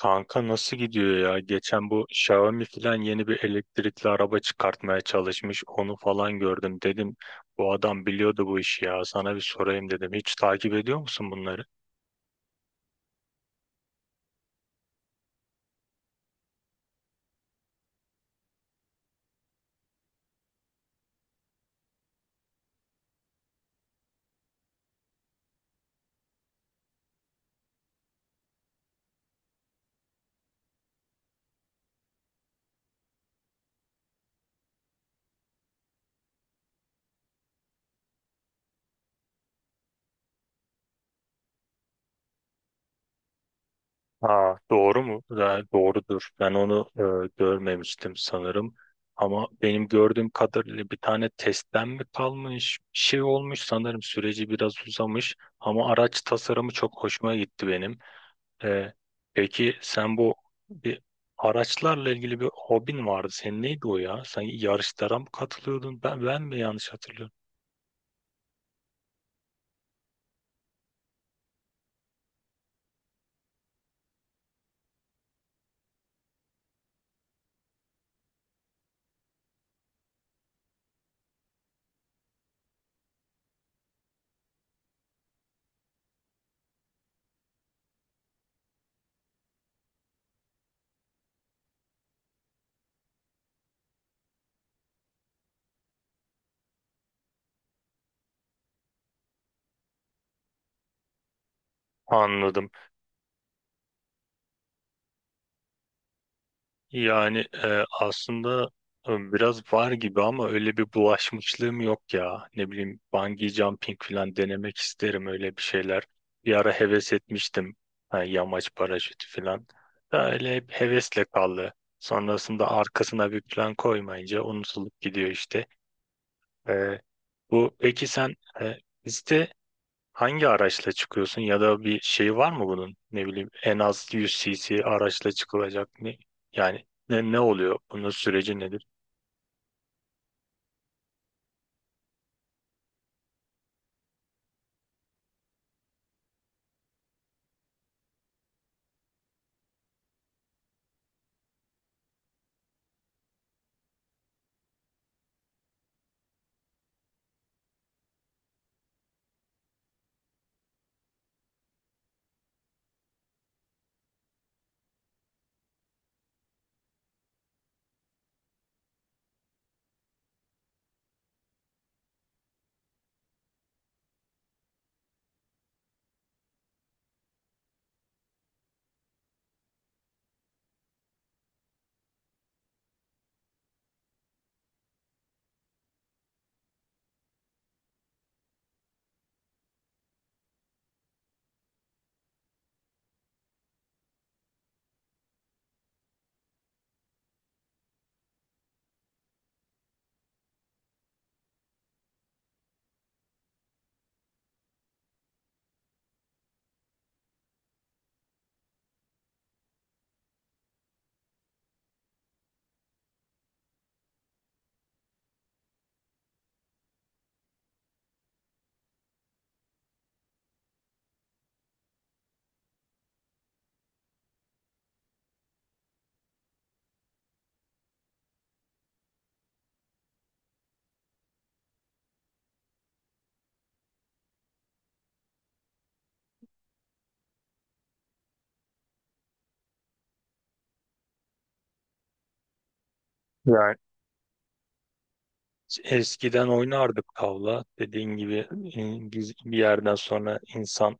Kanka nasıl gidiyor ya? Geçen bu Xiaomi filan yeni bir elektrikli araba çıkartmaya çalışmış. Onu falan gördüm. Dedim bu adam biliyordu bu işi ya. Sana bir sorayım dedim. Hiç takip ediyor musun bunları? Aa, doğru mu? Ya, doğrudur. Ben onu görmemiştim sanırım. Ama benim gördüğüm kadarıyla bir tane testten mi kalmış? Bir şey olmuş sanırım. Süreci biraz uzamış. Ama araç tasarımı çok hoşuma gitti benim. Ee, peki sen bu bir araçlarla ilgili bir hobin vardı. Senin neydi o ya? Sen yarışlara mı katılıyordun? Ben mi yanlış hatırlıyorum? Anladım. Yani aslında, biraz var gibi ama öyle bir bulaşmışlığım yok ya. Ne bileyim bungee jumping falan denemek isterim, öyle bir şeyler. Bir ara heves etmiştim. Ha, yamaç paraşütü falan. Da öyle hep hevesle kaldı. Sonrasında arkasına bir plan koymayınca unutulup gidiyor işte. Ee, bu peki sen e, bizde hangi araçla çıkıyorsun ya da bir şey var mı bunun? Ne bileyim, en az 100 cc araçla çıkılacak ne? Yani ne oluyor? Bunun süreci nedir? Yani eskiden oynardık tavla. Dediğin gibi biz bir yerden sonra insan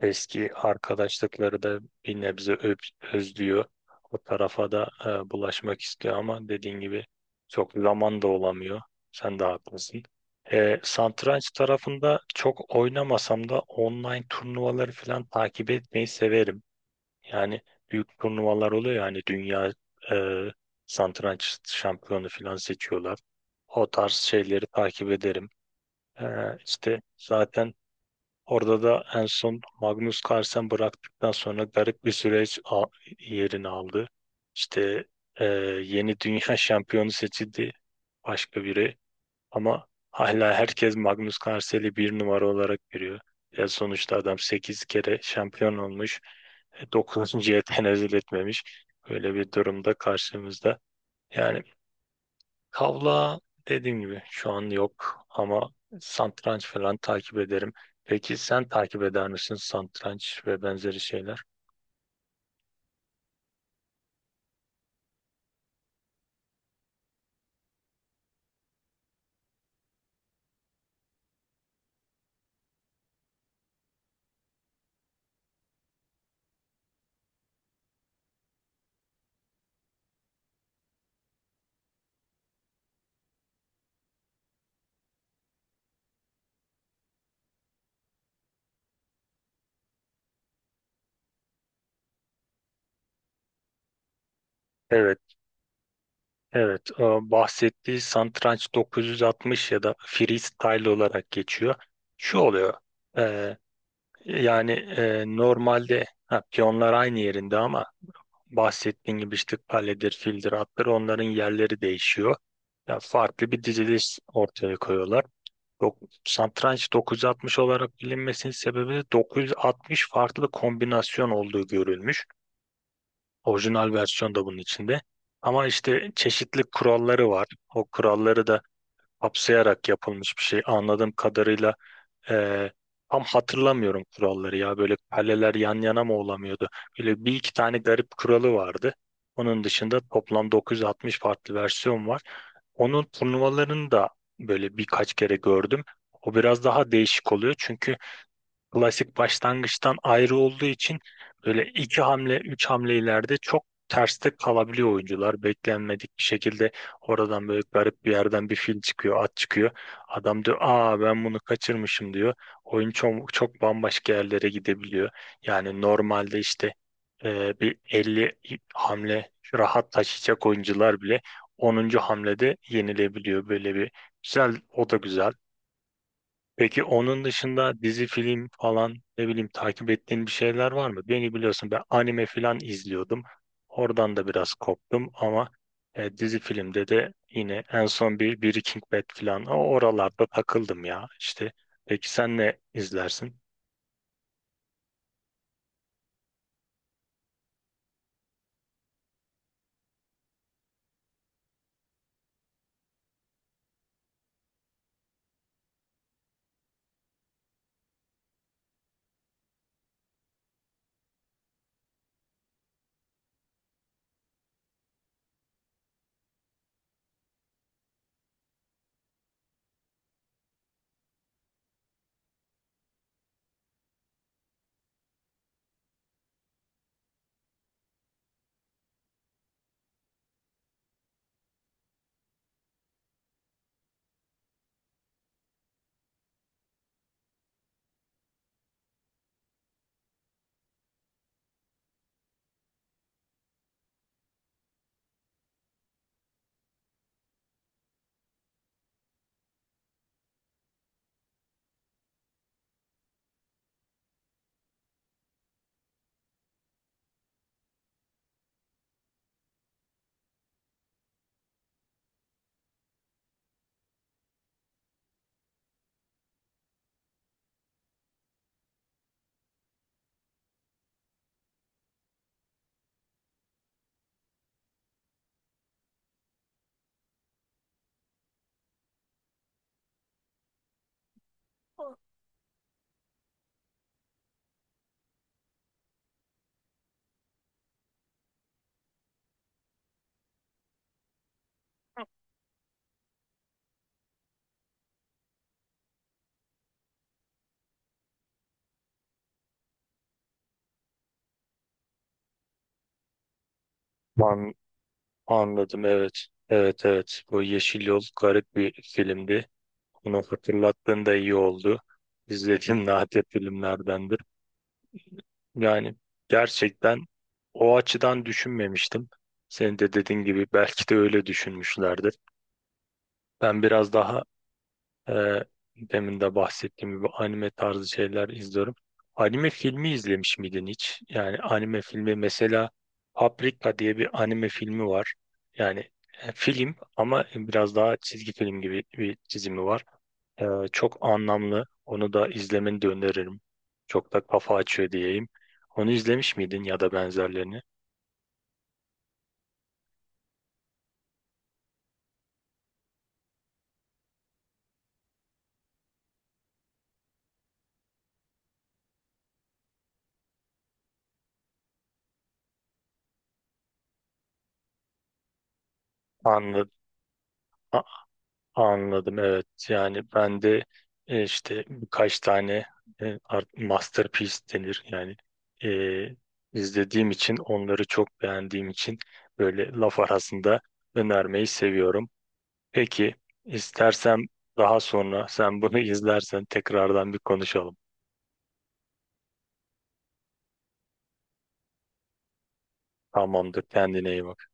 eski arkadaşlıkları da bir nebze özlüyor. O tarafa da bulaşmak istiyor ama dediğin gibi çok zaman da olamıyor. Sen de haklısın. Satranç tarafında çok oynamasam da online turnuvaları falan takip etmeyi severim. Yani büyük turnuvalar oluyor, yani dünya e, satranç şampiyonu falan seçiyorlar. O tarz şeyleri takip ederim. E, işte zaten orada da en son Magnus Carlsen bıraktıktan sonra garip bir yerini aldı. İşte e, yeni dünya şampiyonu seçildi başka biri, ama hala herkes Magnus Carlsen'i bir numara olarak görüyor. Ya sonuçta adam 8 kere şampiyon olmuş. 9. tenezzül etmemiş. Böyle bir durumda karşımızda. Yani kavla, dediğim gibi şu an yok, ama satranç falan takip ederim. Peki sen takip eder misin, satranç ve benzeri şeyler? Evet, evet. Bahsettiği satranç 960 ya da freestyle olarak geçiyor. Şu oluyor. Yani normalde, ha, piyonlar aynı yerinde ama bahsettiğim gibi işte kaledir, fildir, atlar, onların yerleri değişiyor. Ya farklı bir diziliş ortaya koyuyorlar. Dok satranç 960 olarak bilinmesinin sebebi de 960 farklı kombinasyon olduğu görülmüş. Orijinal versiyon da bunun içinde. Ama işte çeşitli kuralları var. O kuralları da kapsayarak yapılmış bir şey. Anladığım kadarıyla ee, tam hatırlamıyorum kuralları ya. Böyle kaleler yan yana mı olamıyordu? Böyle bir iki tane garip kuralı vardı. Onun dışında toplam 960 farklı versiyon var. Onun turnuvalarını da böyle birkaç kere gördüm. O biraz daha değişik oluyor çünkü klasik başlangıçtan ayrı olduğu için böyle iki hamle, üç hamle ileride çok terste kalabiliyor oyuncular. Beklenmedik bir şekilde oradan böyle garip bir yerden bir fil çıkıyor, at çıkıyor. Adam diyor, aa ben bunu kaçırmışım diyor. Oyun çok bambaşka yerlere gidebiliyor. Yani normalde işte e, bir 50 hamle rahat taşıyacak oyuncular bile 10. hamlede yenilebiliyor. Böyle bir güzel, o da güzel. Peki onun dışında dizi, film falan, ne bileyim, takip ettiğin bir şeyler var mı? Beni biliyorsun, ben anime falan izliyordum. Oradan da biraz koptum ama dizi filmde de yine en son bir Breaking Bad falan, o oralarda takıldım ya işte. Peki sen ne izlersin? An anladım, evet. Evet, evet, bu Yeşil Yol garip bir filmdi. Bunu hatırlattığında iyi oldu. İzlediğim nadir filmlerden. Yani gerçekten o açıdan düşünmemiştim. Senin de dediğin gibi belki de öyle düşünmüşlerdir. Ben biraz daha ee, demin de bahsettiğim gibi anime tarzı şeyler izliyorum. Anime filmi izlemiş miydin hiç? Yani anime filmi, mesela Paprika diye bir anime filmi var. Yani film ama biraz daha çizgi film gibi bir çizimi var. Ee, çok anlamlı. Onu da izlemeni de öneririm. Çok da kafa açıyor diyeyim. Onu izlemiş miydin ya da benzerlerini? Anladım. Anladım, evet, yani ben de işte birkaç tane, masterpiece denir yani, e, izlediğim için, onları çok beğendiğim için, böyle laf arasında önermeyi seviyorum. Peki istersem daha sonra sen bunu izlersen tekrardan bir konuşalım. Tamamdır, kendine iyi bak.